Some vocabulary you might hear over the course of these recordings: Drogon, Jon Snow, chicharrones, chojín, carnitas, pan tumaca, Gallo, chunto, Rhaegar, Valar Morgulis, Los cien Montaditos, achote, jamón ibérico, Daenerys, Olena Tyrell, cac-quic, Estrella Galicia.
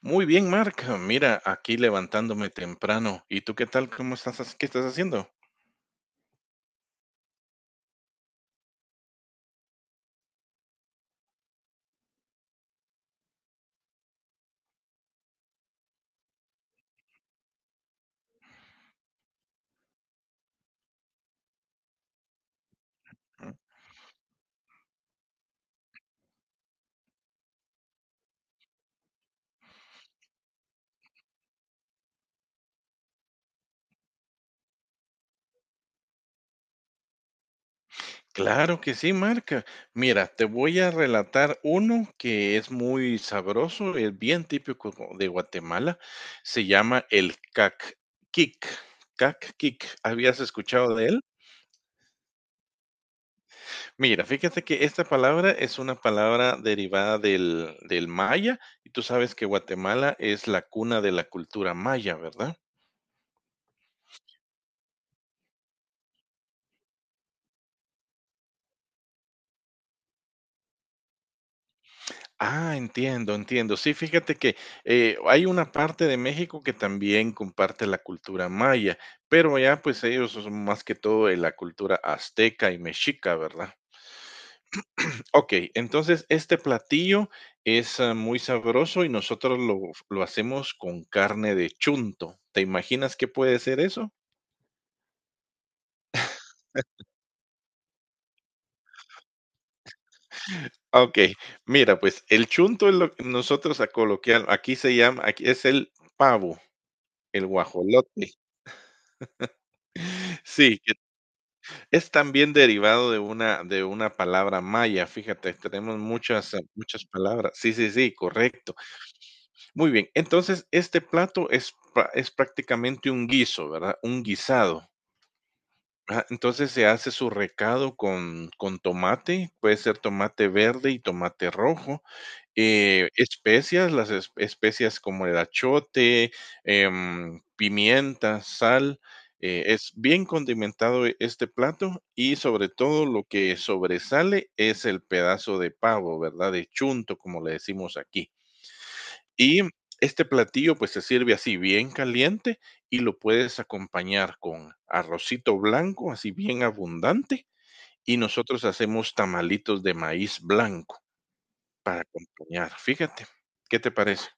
Muy bien, marca. Mira, aquí levantándome temprano. ¿Y tú qué tal? ¿Cómo estás? ¿Qué estás haciendo? Mm. Claro que sí, marca. Mira, te voy a relatar uno que es muy sabroso, es bien típico de Guatemala. Se llama el cac-quic. Cac-quic. ¿Habías escuchado de él? Mira, fíjate que esta palabra es una palabra derivada del maya y tú sabes que Guatemala es la cuna de la cultura maya, ¿verdad? Ah, entiendo, entiendo. Sí, fíjate que hay una parte de México que también comparte la cultura maya, pero ya pues ellos son más que todo de la cultura azteca y mexica, ¿verdad? Ok, entonces este platillo es muy sabroso y lo hacemos con carne de chunto. ¿Te imaginas qué puede ser eso? Ok, mira, pues el chunto es lo que nosotros a coloquial, aquí se llama, aquí es el pavo, el guajolote. Sí, es también derivado de una palabra maya, fíjate, tenemos muchas, muchas palabras. Sí, sí, sí, correcto. Muy bien, entonces este plato es prácticamente un guiso, ¿verdad? Un guisado. Ajá, entonces se hace su recado con tomate, puede ser tomate verde y tomate rojo, especias, las especias como el achote, pimienta, sal. Es bien condimentado este plato y sobre todo lo que sobresale es el pedazo de pavo, ¿verdad? De chunto, como le decimos aquí. Y este platillo pues se sirve así bien caliente y lo puedes acompañar con arrocito blanco, así bien abundante. Y nosotros hacemos tamalitos de maíz blanco. Para acompañar, fíjate, ¿qué te parece?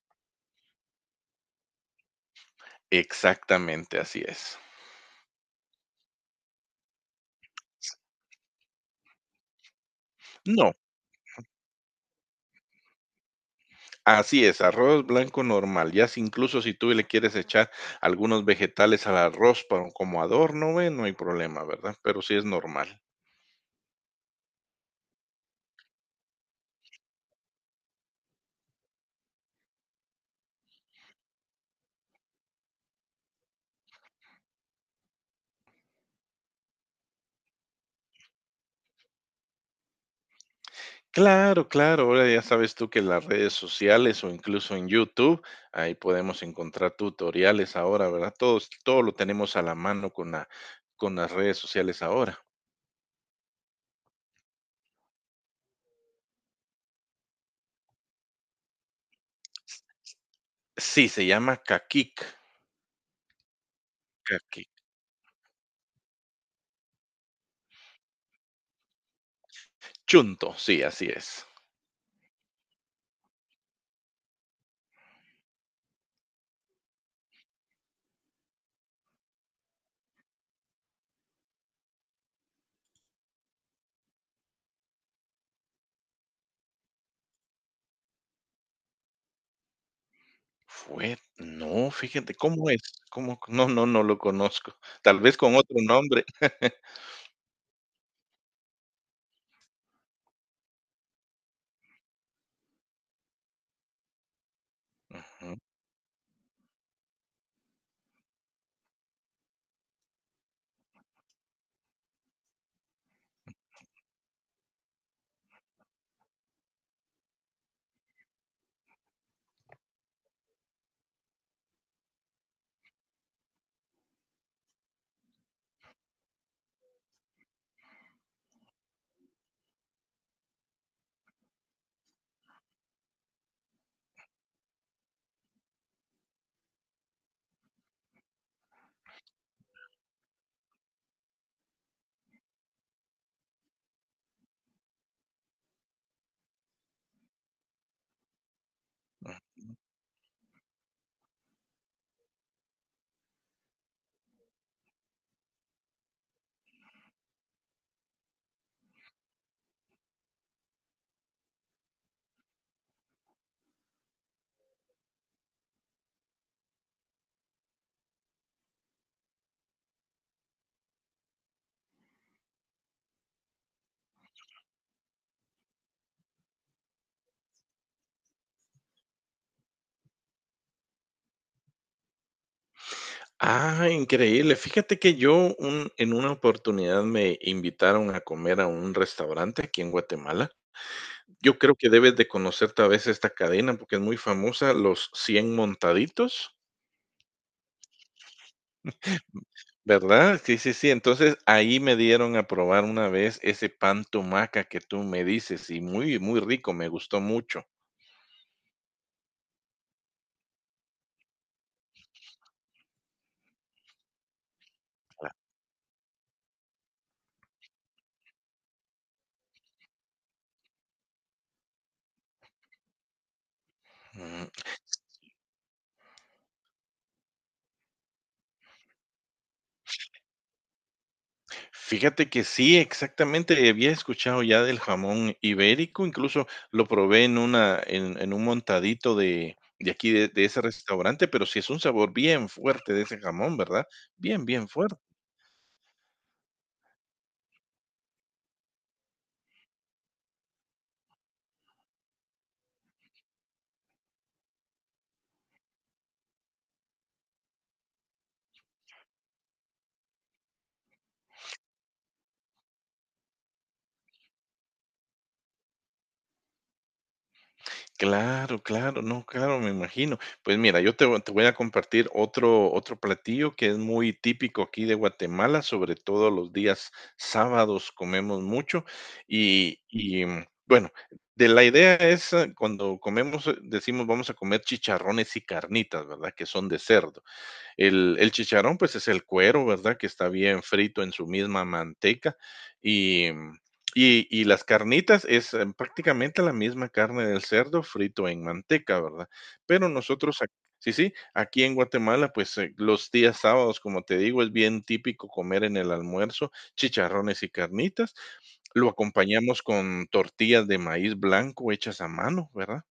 Exactamente, así es. No, así es, arroz blanco normal, ya si incluso si tú le quieres echar algunos vegetales al arroz para como adorno, bueno, no hay problema, ¿verdad? Pero sí es normal. Claro, claro, ahora ya sabes tú que en las redes sociales o incluso en YouTube, ahí podemos encontrar tutoriales ahora, ¿verdad? Todo lo tenemos a la mano con las redes sociales ahora. Sí, se llama kakik, caquic. Chunto, sí, así es. Fue no, fíjate, ¿cómo es? ¿Cómo? No, no, no lo conozco. Tal vez con otro nombre. Ujú. Ah, increíble. Fíjate que yo un en una oportunidad me invitaron a comer a un restaurante aquí en Guatemala. Yo creo que debes de conocer tal vez esta cadena porque es muy famosa, Los 100 Montaditos, ¿verdad? Sí, sí, sí. Entonces, ahí me dieron a probar una vez ese pan tumaca que tú me dices, y muy, muy rico, me gustó mucho. Ujú. Fíjate que sí, exactamente, había escuchado ya del jamón ibérico, incluso lo probé en una en un montadito de aquí de ese restaurante, pero sí es un sabor bien fuerte de ese jamón, ¿verdad? Bien, bien fuerte. Claro, claro, no, claro, me imagino. Pues mira, te voy a compartir otro, otro platillo que es muy típico aquí de Guatemala, sobre todo los días sábados comemos mucho bueno, de la idea es cuando comemos, decimos vamos a comer chicharrones y carnitas, ¿verdad? Que son de cerdo. El chicharrón, pues es el cuero, ¿verdad? Que está bien frito en su misma manteca. Y, mm, y las carnitas es prácticamente la misma carne del cerdo frito en manteca, ¿verdad? Pero nosotros, sí, sí, aquí en Guatemala, pues los días sábados, como te digo, es bien típico comer en el almuerzo chicharrones y carnitas. Lo acompañamos con tortillas de maíz blanco hechas a mano, ¿verdad?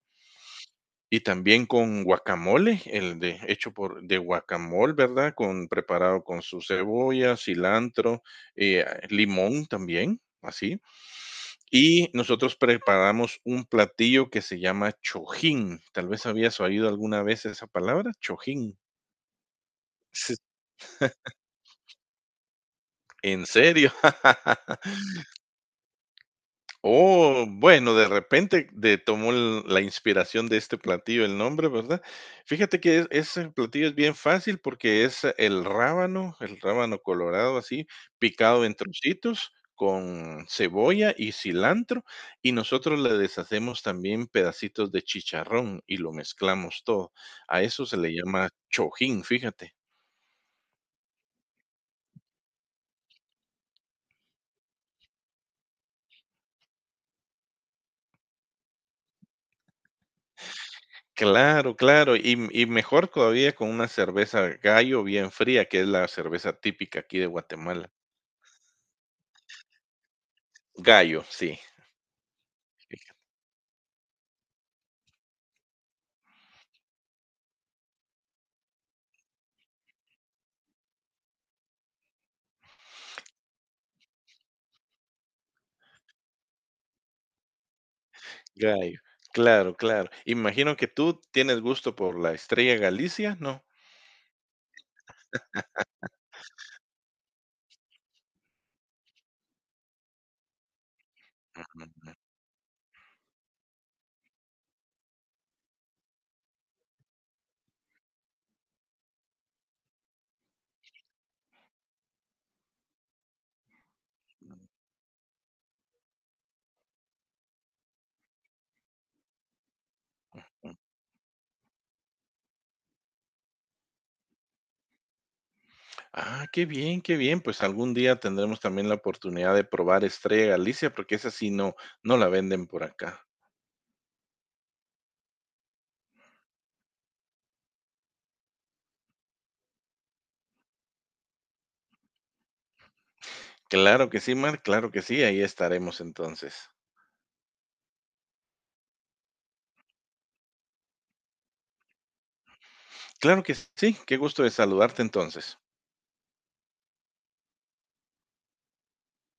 Y también con guacamole, el de hecho por de guacamole, ¿verdad? Con preparado con su cebolla, cilantro, limón también, así. Y nosotros preparamos un platillo que se llama chojín. Tal vez habías oído alguna vez esa palabra, chojín. Sí. ¿En serio? Oh, bueno, de repente de tomó el la inspiración de este platillo el nombre, ¿verdad? Fíjate que es ese platillo es bien fácil porque es el rábano colorado así, picado en trocitos con cebolla y cilantro, y nosotros le deshacemos también pedacitos de chicharrón y lo mezclamos todo. A eso se le llama chojín, fíjate. Claro, claro, y mejor todavía con una cerveza Gallo bien fría, que es la cerveza típica aquí de Guatemala. Gallo, sí, Gallo. Claro, claro. Imagino que tú tienes gusto por la Estrella Galicia, ¿no? Ujú. Ah, qué bien, qué bien. Pues algún día tendremos también la oportunidad de probar Estrella Galicia, porque esa sí no, no la venden por acá. Claro que sí, Mar, claro que sí, ahí estaremos entonces. Claro que sí, qué gusto de saludarte entonces.